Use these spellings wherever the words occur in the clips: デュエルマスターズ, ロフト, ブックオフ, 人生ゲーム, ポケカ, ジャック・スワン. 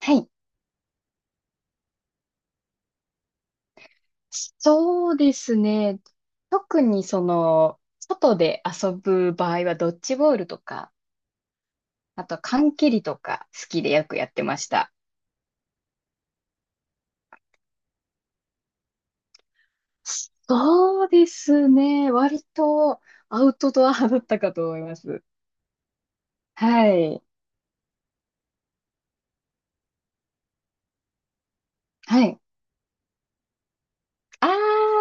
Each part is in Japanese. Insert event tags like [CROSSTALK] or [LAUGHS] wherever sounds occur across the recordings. はい。そうですね。特にその、外で遊ぶ場合はドッジボールとか、あと缶蹴りとか好きでよくやってました。そうですね。割とアウトドア派だったかと思います。はい。はい。ああ、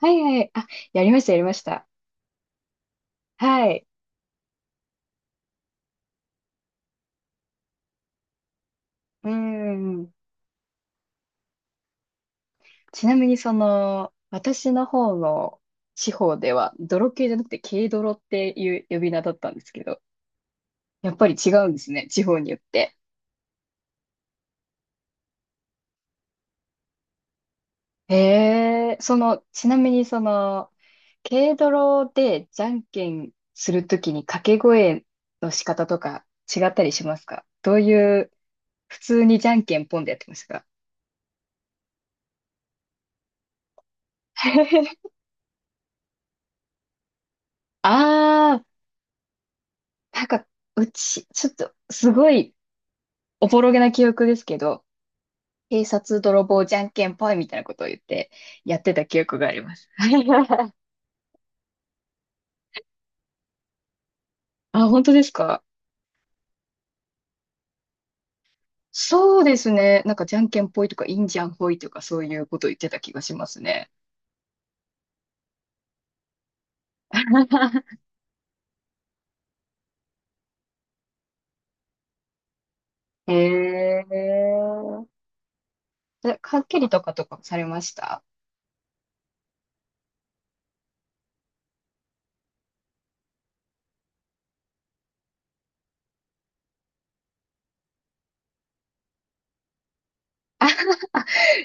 はいはい。あ、やりました、やりました。はい。うん。ちなみにその、私の方の地方では、泥系じゃなくて軽泥っていう呼び名だったんですけど、やっぱり違うんですね、地方によって。へえ、その、ちなみにその、軽泥でじゃんけんするときに掛け声の仕方とか違ったりしますか？どういう、普通にじゃんけんポンでやってましたか？ [LAUGHS] あなんか、うち、ちょっと、すごい、おぼろげな記憶ですけど、警察泥棒じゃんけんぽいみたいなことを言って、やってた記憶があります。[LAUGHS] あ、本当ですか？そうですね。なんか、じゃんけんぽいとか、いいんじゃんぽいとか、そういうこと言ってた気がしますね。[LAUGHS] へえ。えかっきりとかとかされました？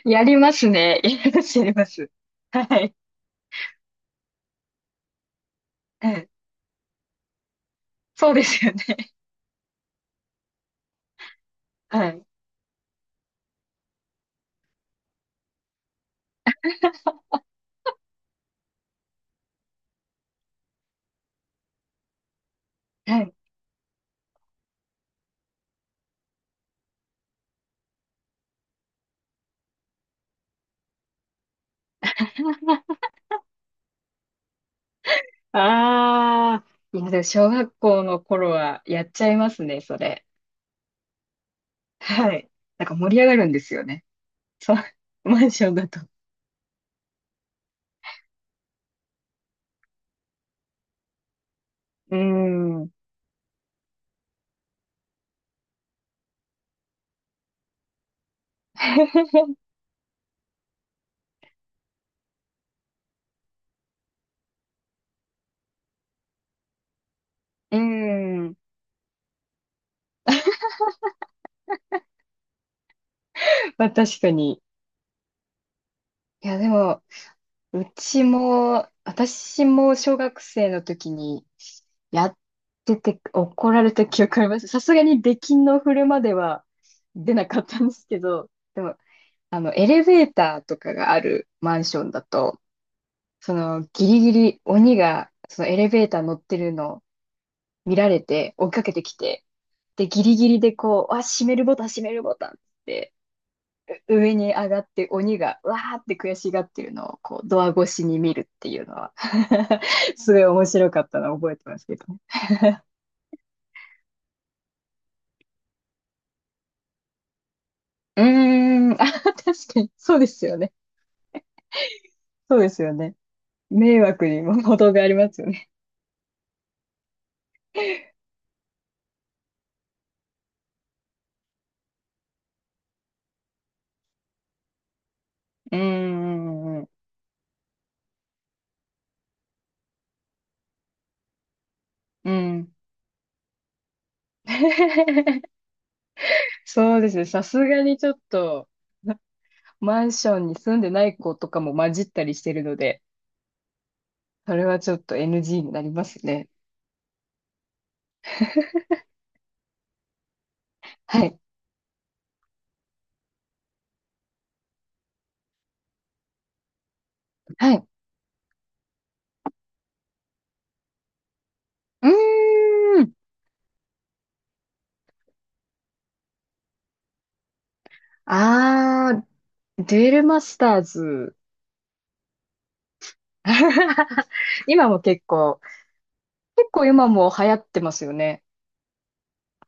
やりますね。やります、やります。はい。はい。そうですよね。はい。はい。ああ。いや、でも小学校の頃はやっちゃいますね、それ。はい。なんか盛り上がるんですよね。そう。マンションだと。うーん。うーん。まあ確かに。いや、でも、うちも、私も小学生の時にやってて怒られた記憶あります。さすがに出禁の振るまでは出なかったんですけど、でも、あの、エレベーターとかがあるマンションだと、そのギリギリ鬼がそのエレベーター乗ってるのを見られて追いかけてきて、で、ギリギリでこう、あ、閉めるボタン、閉めるボタンって上に上がって鬼がわーって悔しがってるのをこうドア越しに見るっていうのは [LAUGHS] すごい面白かったのを覚えてますけどね。うーん、[LAUGHS] あ、確かに。そうですよね。そうですよね。迷惑にも程がありますよね。うーん、うん、うん。[LAUGHS] そうですね。さすがにちょっと、マンションに住んでない子とかも混じったりしてるので、それはちょっと NG になりますね。はい。はい。うーん。ああ、デュエルマスターズ。[LAUGHS] 今も結構、結構今も流行ってますよね。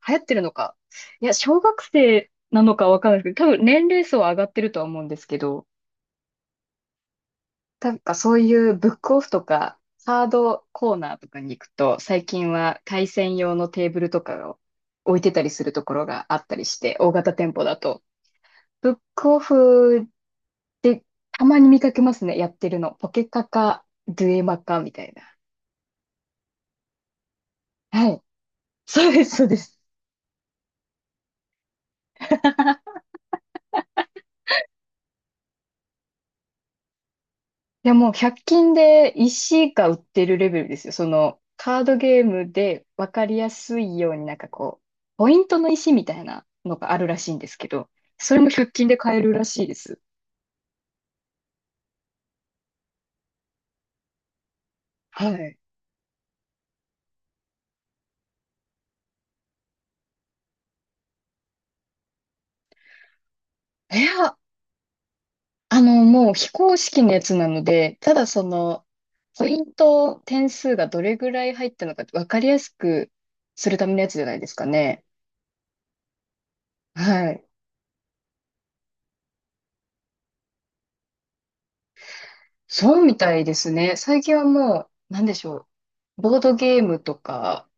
流行ってるのか。いや、小学生なのかわかんないですけど、多分年齢層は上がってるとは思うんですけど、なんかそういうブックオフとか、ハードコーナーとかに行くと、最近は対戦用のテーブルとかを置いてたりするところがあったりして、大型店舗だと。ブックオフでたまに見かけますね、やってるの。ポケカか、デュエマかみたいな。はい。そうです、そうです。[LAUGHS] いや、もう100均で石が売ってるレベルですよ。その、カードゲームで分かりやすいようになんかこう、ポイントの石みたいなのがあるらしいんですけど、それも100均で買えるらしいです。はい。いや、あの、もう非公式のやつなので、ただその、ポイント、点数がどれぐらい入ったのかって分かりやすくするためのやつじゃないですかね。はい。そうみたいですね。最近はもう、なんでしょう。ボードゲームとか、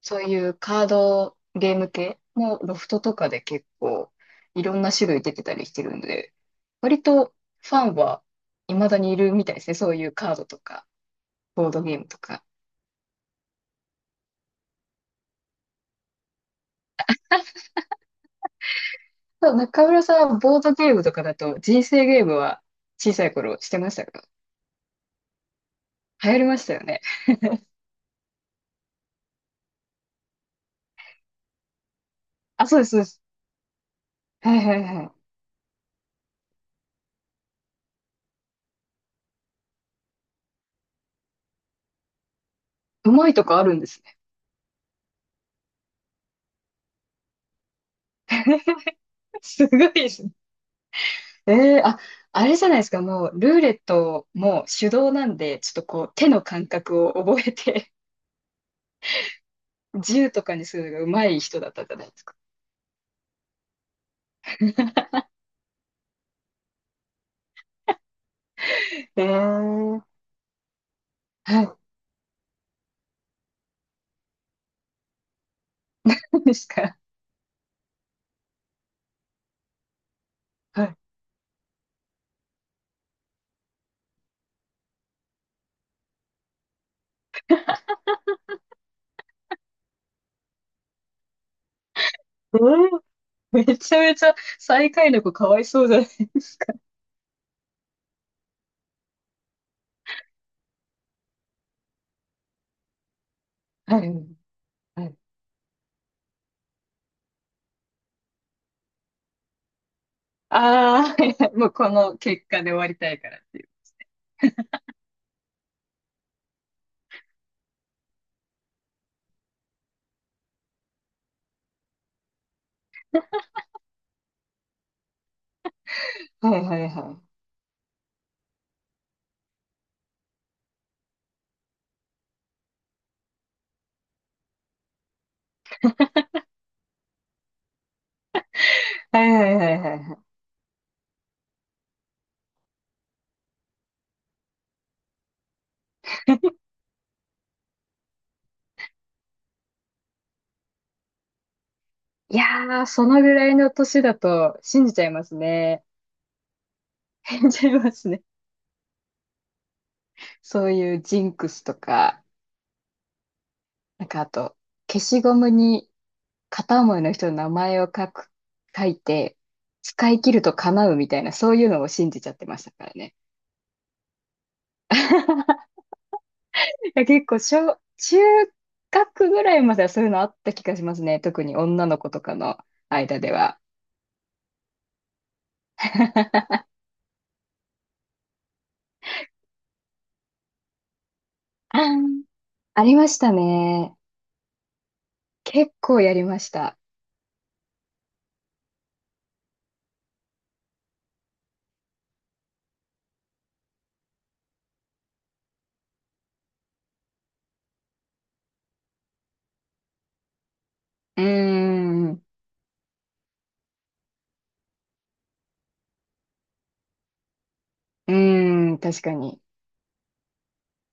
そういうカードゲーム系もロフトとかで結構いろんな種類出てたりしてるんで、割とファンは未だにいるみたいですね。そういうカードとか、ボードゲームとか。ただ中村さんはボードゲームとかだと人生ゲームは小さい頃してましたか？流行りましたよね。あ、そうです、そうです。はいはいはい。うまいとかあるんですね。[LAUGHS] すごいですね。ええあ、あれじゃないですか、もうルーレットも手動なんで、ちょっとこう手の感覚を覚えて、銃とかにするのが上手い人だったじゃないですか。ええはい、そうですか。はい。ええめちゃめちゃ最下位の子かわいそうじゃないですか。はい。はい。ああ、はいはいもうこの結果で終わりたいからって。はいはいはい。はいはいはいはいはい。いやー、そのぐらいの年だと信じちゃいますね。[LAUGHS] 信じちゃいますね。そういうジンクスとか。なんかあと、消しゴムに片思いの人の名前を書く、書いて、使い切ると叶うみたいな、そういうのを信じちゃってましたからね。[LAUGHS] いや、結構小、中学ぐらいまではそういうのあった気がしますね。特に女の子とかの間では。[LAUGHS] ありましたね。結構やりました。うーん、うーん、確かに。